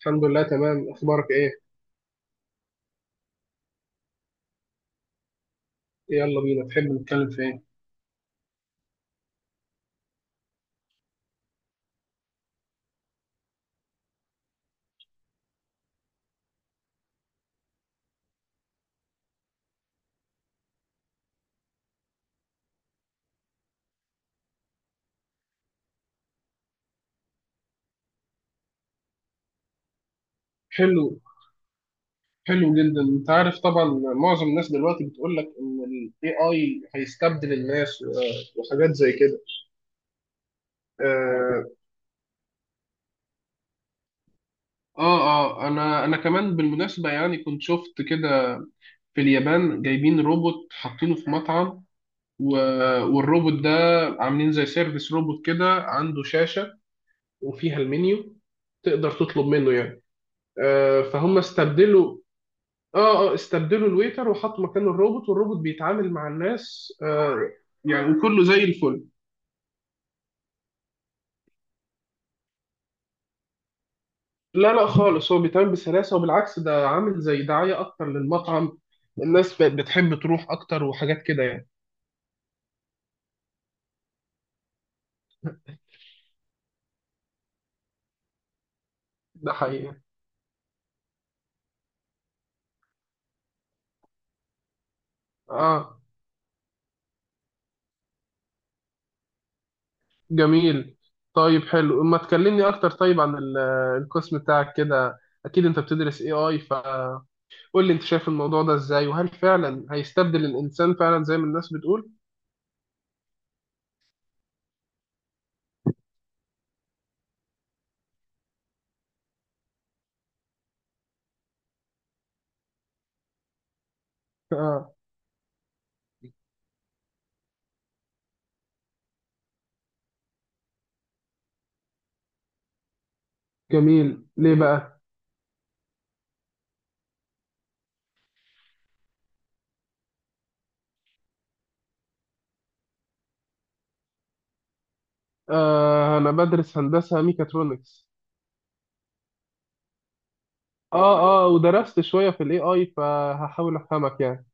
الحمد لله تمام. اخبارك ايه؟ يلا بينا. تحب نتكلم في ايه؟ حلو، حلو جدا. انت عارف طبعا، معظم الناس دلوقتي بتقول لك ان الاي اي هيستبدل الناس و- وحاجات زي كده. اه اه، انا كمان بالمناسبة، يعني كنت شفت كده في اليابان جايبين روبوت حاطينه في مطعم، و- والروبوت ده عاملين زي سيرفيس روبوت كده، عنده شاشة وفيها المنيو، تقدر تطلب منه يعني. فهم استبدلوا. اه اه، استبدلوا الويتر وحطوا مكانه الروبوت، والروبوت بيتعامل مع الناس، يعني وكله زي الفل. لا لا، خالص، هو بيتعامل بسلاسة، وبالعكس ده عامل زي دعاية أكتر للمطعم. الناس بقت بتحب تروح أكتر وحاجات كده يعني. ده حقيقي. اه. جميل. طيب حلو، ما تكلمني أكتر طيب عن القسم بتاعك كده. أكيد أنت بتدرس AI، فقول لي أنت شايف الموضوع ده إزاي، وهل فعلا هيستبدل الإنسان فعلا زي ما الناس بتقول؟ اه. جميل، ليه بقى؟ آه، انا بدرس هندسة ميكاترونكس. اه اه، ودرست شوية في الاي اي، فهحاول افهمك يعني.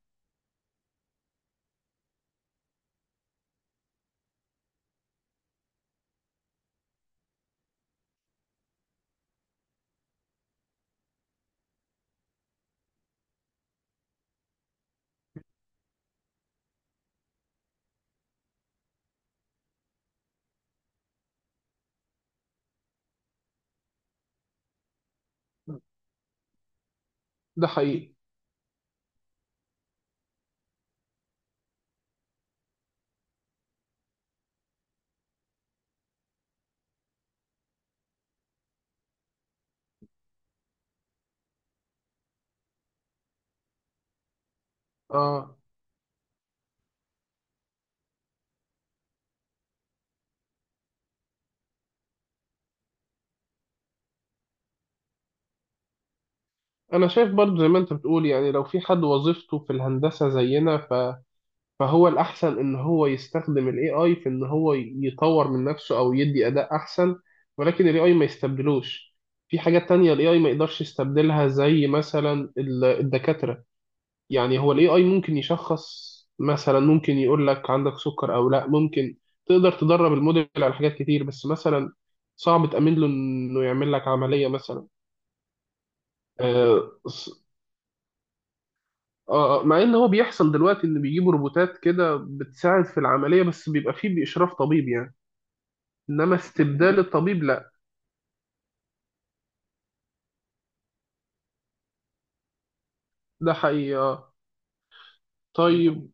ده حقيقي. اه. انا شايف برضو زي ما انت بتقول، يعني لو في حد وظيفته في الهندسة زينا فهو الاحسن ان هو يستخدم الاي اي في ان هو يطور من نفسه او يدي اداء احسن، ولكن الاي اي ما يستبدلوش. في حاجات تانية الاي اي ما يقدرش يستبدلها، زي مثلا الدكاترة. يعني هو الاي اي ممكن يشخص مثلا، ممكن يقول لك عندك سكر او لا، ممكن تقدر تدرب الموديل على حاجات كتير، بس مثلا صعب تأمن له انه يعمل لك عملية مثلا. آه ص- مع ان هو بيحصل دلوقتي ان بيجيبوا روبوتات كده بتساعد في العملية، بس بيبقى فيه بإشراف طبيب يعني. انما استبدال الطبيب لا. ده حقيقي. طيب.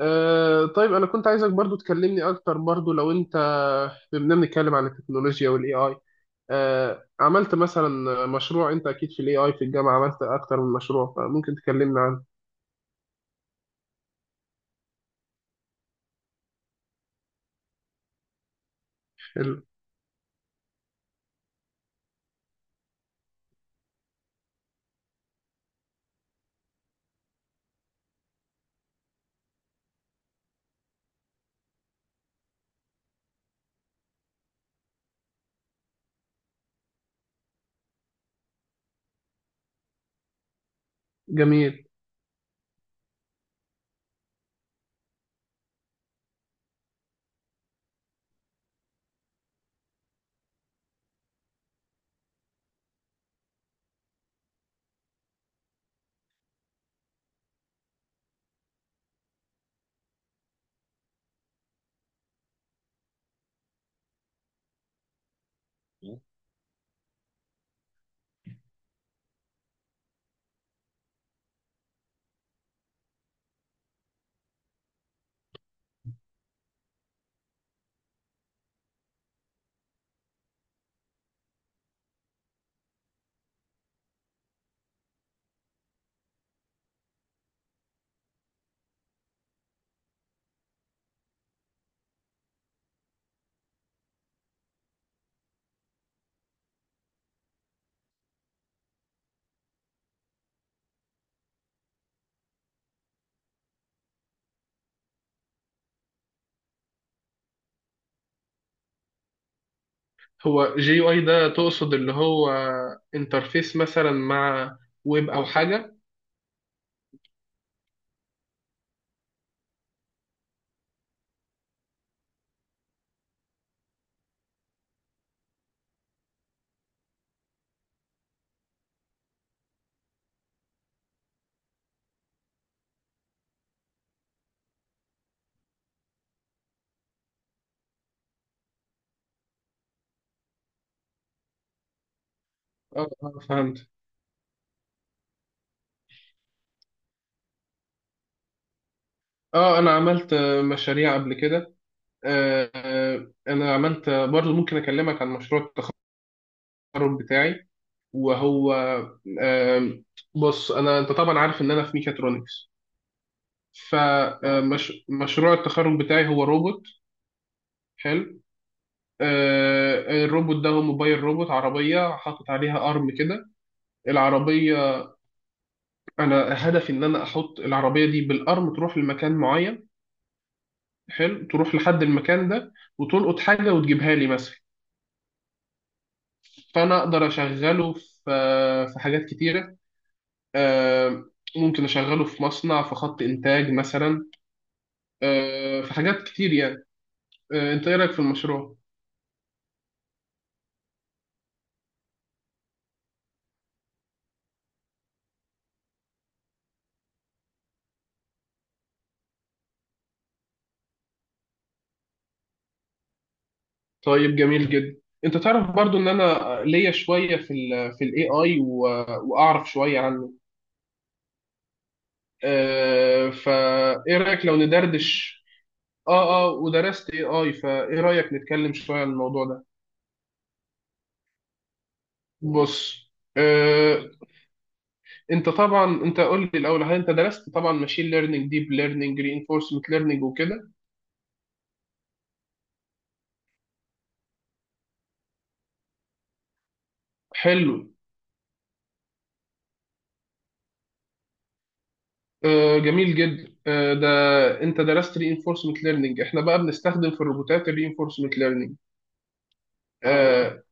طيب انا كنت عايزك برضو تكلمني اكتر، برضو لو انت بما إننا بنتكلم عن التكنولوجيا والاي اي، عملت مثلا مشروع، انت اكيد في الاي اي في الجامعه عملت اكتر من مشروع، فممكن تكلمنا عنه. حلو. جميل. هو جي يو اي ده تقصد اللي هو انترفيس مثلا مع ويب او حاجه؟ اه. فهمت. اه، انا عملت مشاريع قبل كده. انا عملت برضو ممكن اكلمك عن مشروع التخرج بتاعي. وهو آه، بص، انا، انت طبعا عارف ان انا في ميكاترونكس. اه. فمشروع التخرج بتاعي هو روبوت. حلو. الروبوت ده هو موبايل روبوت، عربية حاطط عليها أرم كده. العربية، أنا هدفي إن أنا أحط العربية دي بالأرم تروح لمكان معين. حلو، تروح لحد المكان ده وتلقط حاجة وتجيبها لي مثلا. فأنا أقدر أشغله في في حاجات كتيرة، آه، ممكن أشغله في مصنع في خط إنتاج مثلا، في حاجات كتير يعني. أنت إيه رأيك في المشروع؟ طيب جميل جدا. انت تعرف برضو ان انا ليا شويه في ال في الاي اي واعرف شويه عن فايه رايك لو ندردش. اه اه، ودرست اي اي، فايه رايك نتكلم شويه عن الموضوع ده؟ بص. آه، انت طبعا، انت قول لي الاول هل انت درست طبعا ماشين ليرنينج، ديب ليرنينج، رينفورسمنت ليرنينج وكده. حلو. جميل جدا. ده انت درست رينفورسمنت ليرنينج، احنا بقى بنستخدم في الروبوتات الرينفورسمنت ليرنينج. آه،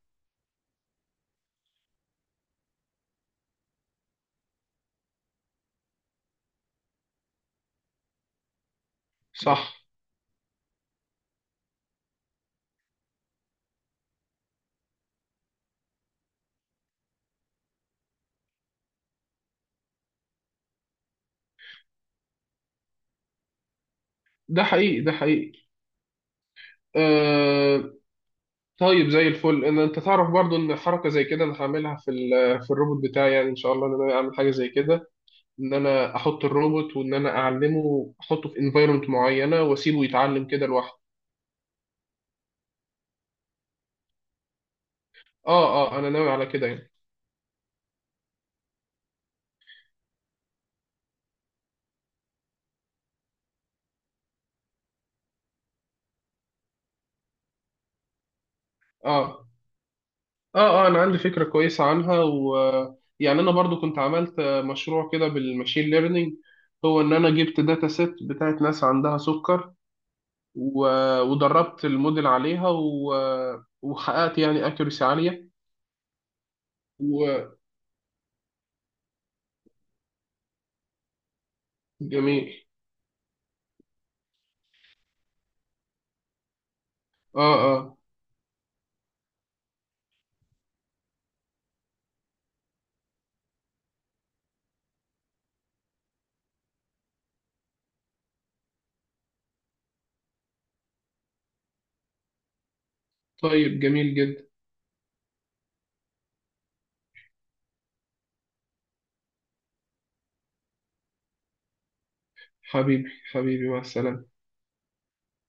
صح. ده حقيقي، ده حقيقي. آه، طيب زي الفل ان انت تعرف برضو ان حركه زي كده انا هعملها في الروبوت بتاعي، يعني ان شاء الله ان انا اعمل حاجه زي كده، ان انا احط الروبوت، وان انا اعلمه، احطه في انفايرمنت معينه واسيبه يتعلم كده لوحده. اه اه، انا ناوي على كده يعني. اه اه اه، انا عندي فكره كويسه عنها يعني انا برضو كنت عملت مشروع كده بالماشين ليرنينج، هو ان انا جبت داتا سيت بتاعت ناس عندها سكر و... ودربت الموديل عليها و... وحققت يعني اكيورسي عاليه. جميل. اه اه. طيب جميل جدا. حبيبي حبيبي، مع السلامة.